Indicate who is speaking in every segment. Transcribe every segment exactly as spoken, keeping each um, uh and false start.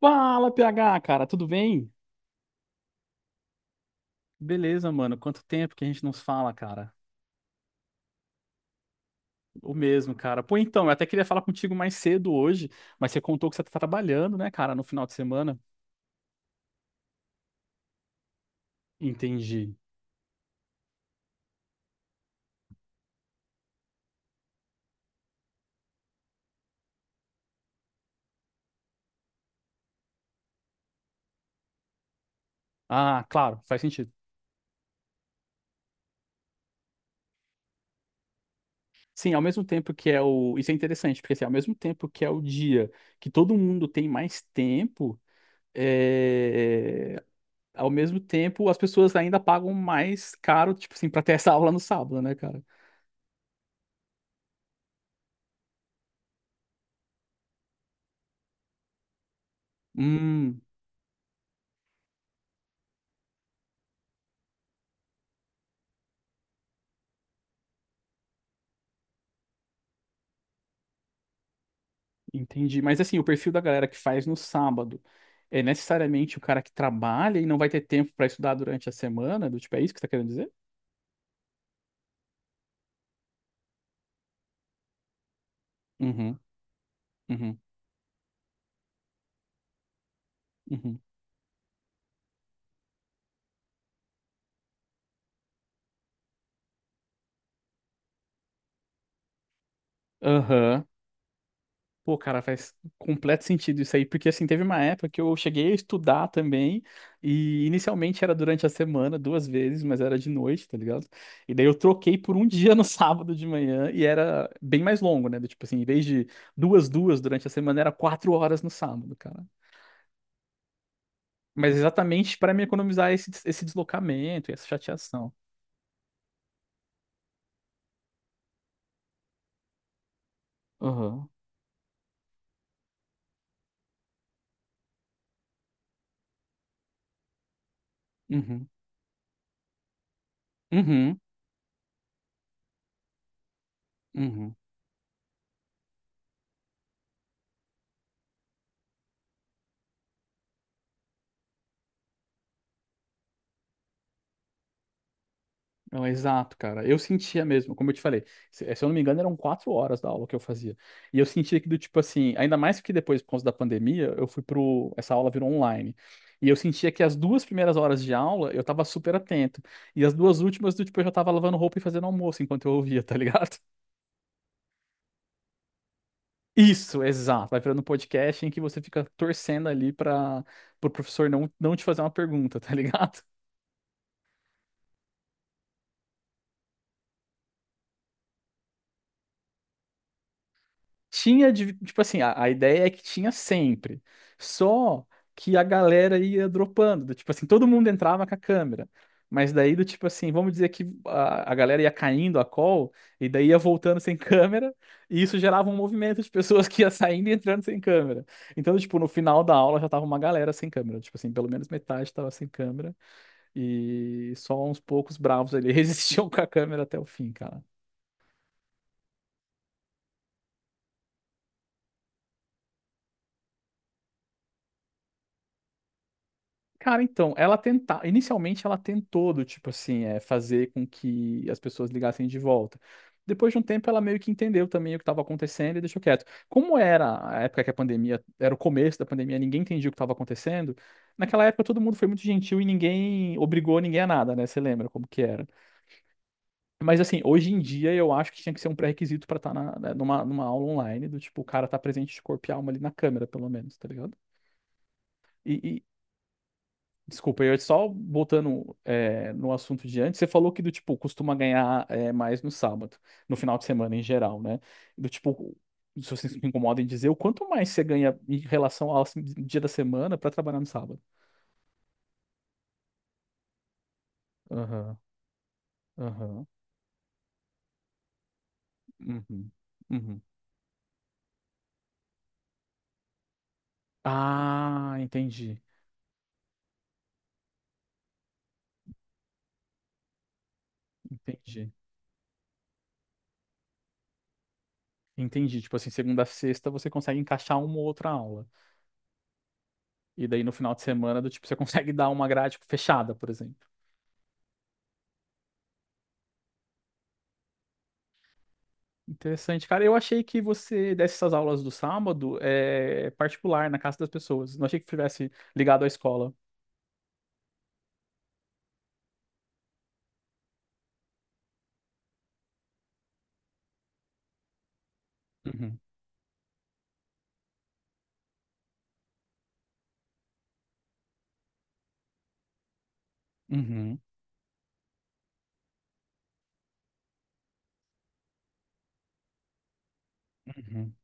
Speaker 1: Fala, P H, cara, tudo bem? Beleza, mano. Quanto tempo que a gente não se fala, cara? O mesmo, cara. Pô, então, eu até queria falar contigo mais cedo hoje, mas você contou que você tá trabalhando, né, cara, no final de semana. Entendi. Ah, claro, faz sentido. Sim, ao mesmo tempo que é o. Isso é interessante, porque assim, ao mesmo tempo que é o dia que todo mundo tem mais tempo, é... ao mesmo tempo as pessoas ainda pagam mais caro, tipo assim, pra ter essa aula no sábado, né, cara? Hum. Entendi. Mas assim, o perfil da galera que faz no sábado é necessariamente o cara que trabalha e não vai ter tempo pra estudar durante a semana? Do tipo, é isso que você tá querendo dizer? Uhum, uhum, uhum. Aham. Pô, cara, faz completo sentido isso aí, porque assim, teve uma época que eu cheguei a estudar também, e inicialmente era durante a semana, duas vezes, mas era de noite, tá ligado? E daí eu troquei por um dia no sábado de manhã, e era bem mais longo, né? Do tipo assim, em vez de duas, duas durante a semana, era quatro horas no sábado, cara. Mas exatamente para me economizar esse, des- esse deslocamento e essa chateação. Aham. Uhum. Uhum. Uhum. Não, exato, cara. Eu sentia mesmo, como eu te falei, se, eh, se eu não me engano, eram quatro horas da aula que eu fazia. E eu sentia que do tipo assim, ainda mais que depois, por causa da pandemia, eu fui pro. Essa aula virou online. E eu sentia que as duas primeiras horas de aula eu tava super atento. E as duas últimas, do tipo, eu já tava lavando roupa e fazendo almoço enquanto eu ouvia, tá ligado? Isso, exato. Vai virando um podcast em que você fica torcendo ali para o professor não, não te fazer uma pergunta, tá ligado? Tinha, de- tipo assim, a, a ideia é que tinha sempre. Só que a galera ia dropando. Do tipo assim, todo mundo entrava com a câmera. Mas daí, do tipo assim, vamos dizer que a, a galera ia caindo a call e daí ia voltando sem câmera. E isso gerava um movimento de pessoas que ia saindo e entrando sem câmera. Então, tipo, no final da aula já tava uma galera sem câmera. Tipo assim, pelo menos metade tava sem câmera. E só uns poucos bravos ali resistiam com a câmera até o fim, cara. Cara, então, ela tenta, inicialmente ela tentou do tipo assim, é, fazer com que as pessoas ligassem de volta. Depois de um tempo ela meio que entendeu também o que estava acontecendo e deixou quieto. Como era a época que a pandemia, era o começo da pandemia, ninguém entendia o que estava acontecendo. Naquela época todo mundo foi muito gentil e ninguém obrigou ninguém a nada, né? Você lembra como que era? Mas assim, hoje em dia eu acho que tinha que ser um pré-requisito pra estar na, na- numa, numa aula online, do tipo, o cara tá presente de corpo e alma ali na câmera, pelo menos, tá ligado? E, e- desculpa, eu só voltando é, no assunto de antes, você falou que do tipo, costuma ganhar é, mais no sábado, no final de semana em geral, né? Do tipo, se vocês se incomodam em dizer, o quanto mais você ganha em relação ao assim, dia da semana pra trabalhar no sábado? Aham, aham, uhum, uhum. Ah, entendi, entendi. Entendi. Tipo assim, segunda a sexta você consegue encaixar uma ou outra aula. E daí no final de semana, do tipo, você consegue dar uma grade tipo, fechada, por exemplo. Interessante, cara. Eu achei que você desse essas aulas do sábado é particular na casa das pessoas. Não achei que tivesse ligado à escola. Uhum, uhum, uhum.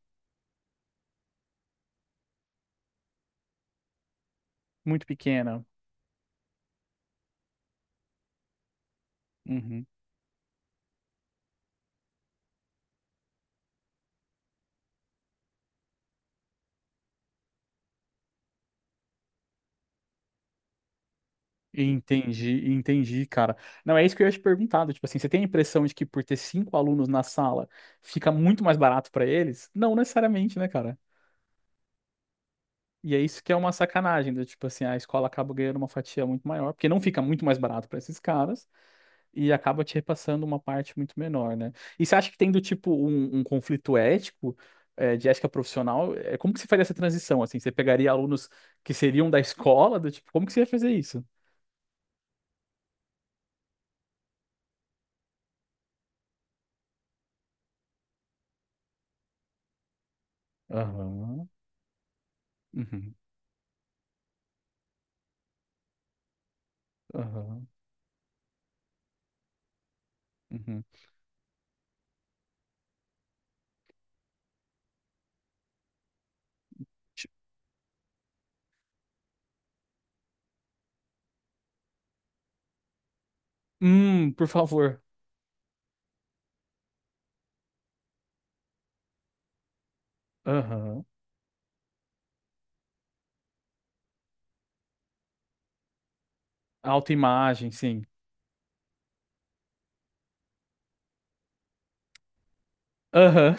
Speaker 1: Muito pequena. Uhum. Entendi, entendi, cara. Não, é isso que eu ia te perguntar. Do tipo assim, você tem a impressão de que por ter cinco alunos na sala fica muito mais barato pra eles? Não necessariamente, né, cara? E é isso que é uma sacanagem, do tipo assim, a escola acaba ganhando uma fatia muito maior, porque não fica muito mais barato para esses caras e acaba te repassando uma parte muito menor, né? E você acha que tem do tipo um, um conflito ético, eh, de ética profissional? Eh, como que você faria essa transição, assim? Você pegaria alunos que seriam da escola, do tipo, como que você ia fazer isso? Aham, uhum, aham, uhum. Ti- Hum, por favor. Aham. Autoimagem, sim. Aham,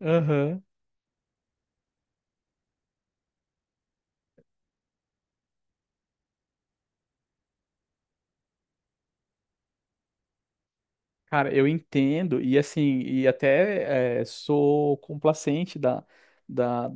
Speaker 1: aham. Cara, eu entendo, e assim, e até eh, sou complacente da, da,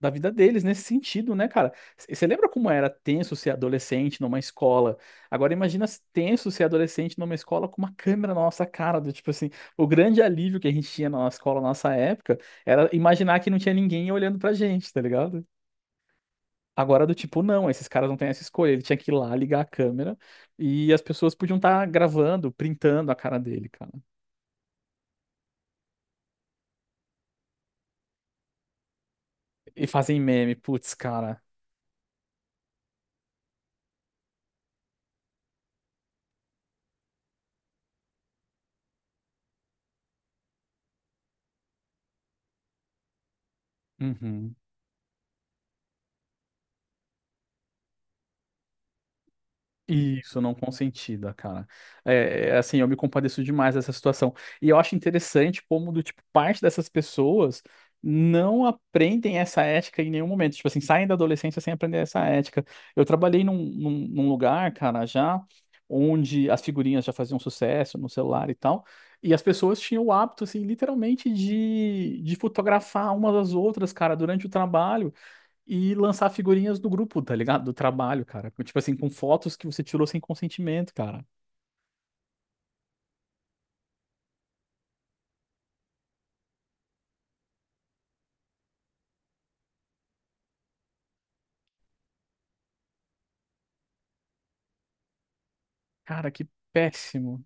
Speaker 1: da vida deles nesse sentido, né, cara? Você lembra como era tenso ser adolescente numa escola? Agora imagina se tenso ser adolescente numa escola com uma câmera na nossa cara, do tipo assim, o grande alívio que a gente tinha na nossa escola, na nossa época, era imaginar que não tinha ninguém olhando pra gente, tá ligado? Agora do tipo, não, esses caras não têm essa escolha, ele tinha que ir lá ligar a câmera e as pessoas podiam estar gravando, printando a cara dele, cara. E fazem meme, putz, cara. Uhum. Isso, não consentida, cara. É, é, assim, eu me compadeço demais dessa situação. E eu acho interessante como, do tipo, parte dessas pessoas não aprendem essa ética em nenhum momento. Tipo assim, saem da adolescência sem aprender essa ética. Eu trabalhei num, num, num lugar, cara, já onde as figurinhas já faziam sucesso no celular e tal. E as pessoas tinham o hábito, assim, literalmente de, de fotografar umas às outras, cara, durante o trabalho. E lançar figurinhas do grupo, tá ligado? Do trabalho, cara. Tipo assim, com fotos que você tirou sem consentimento, cara. Cara, que péssimo.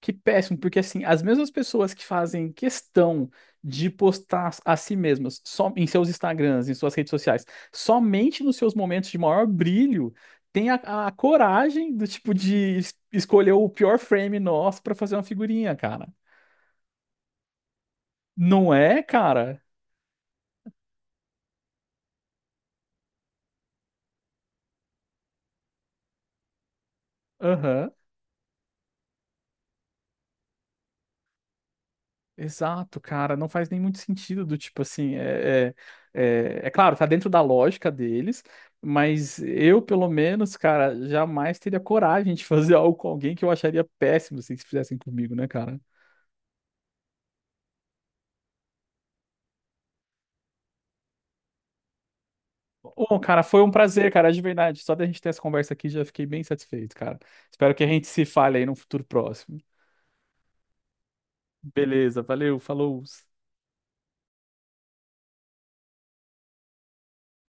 Speaker 1: Que péssimo, porque assim, as mesmas pessoas que fazem questão de postar a si mesmas só em seus Instagrams, em suas redes sociais, somente nos seus momentos de maior brilho, tem a, a coragem do tipo de es- escolher o pior frame nosso pra fazer uma figurinha, cara. Não é, cara? Aham. Exato, cara, não faz nem muito sentido do tipo assim, é, é, é, é claro, tá dentro da lógica deles, mas eu, pelo menos, cara, jamais teria coragem de fazer algo com alguém que eu acharia péssimo assim, se fizessem comigo, né, cara? Ô, cara, foi um prazer, cara, de verdade. Só da gente ter essa conversa aqui já fiquei bem satisfeito, cara. Espero que a gente se fale aí no futuro próximo. Beleza, valeu, falou.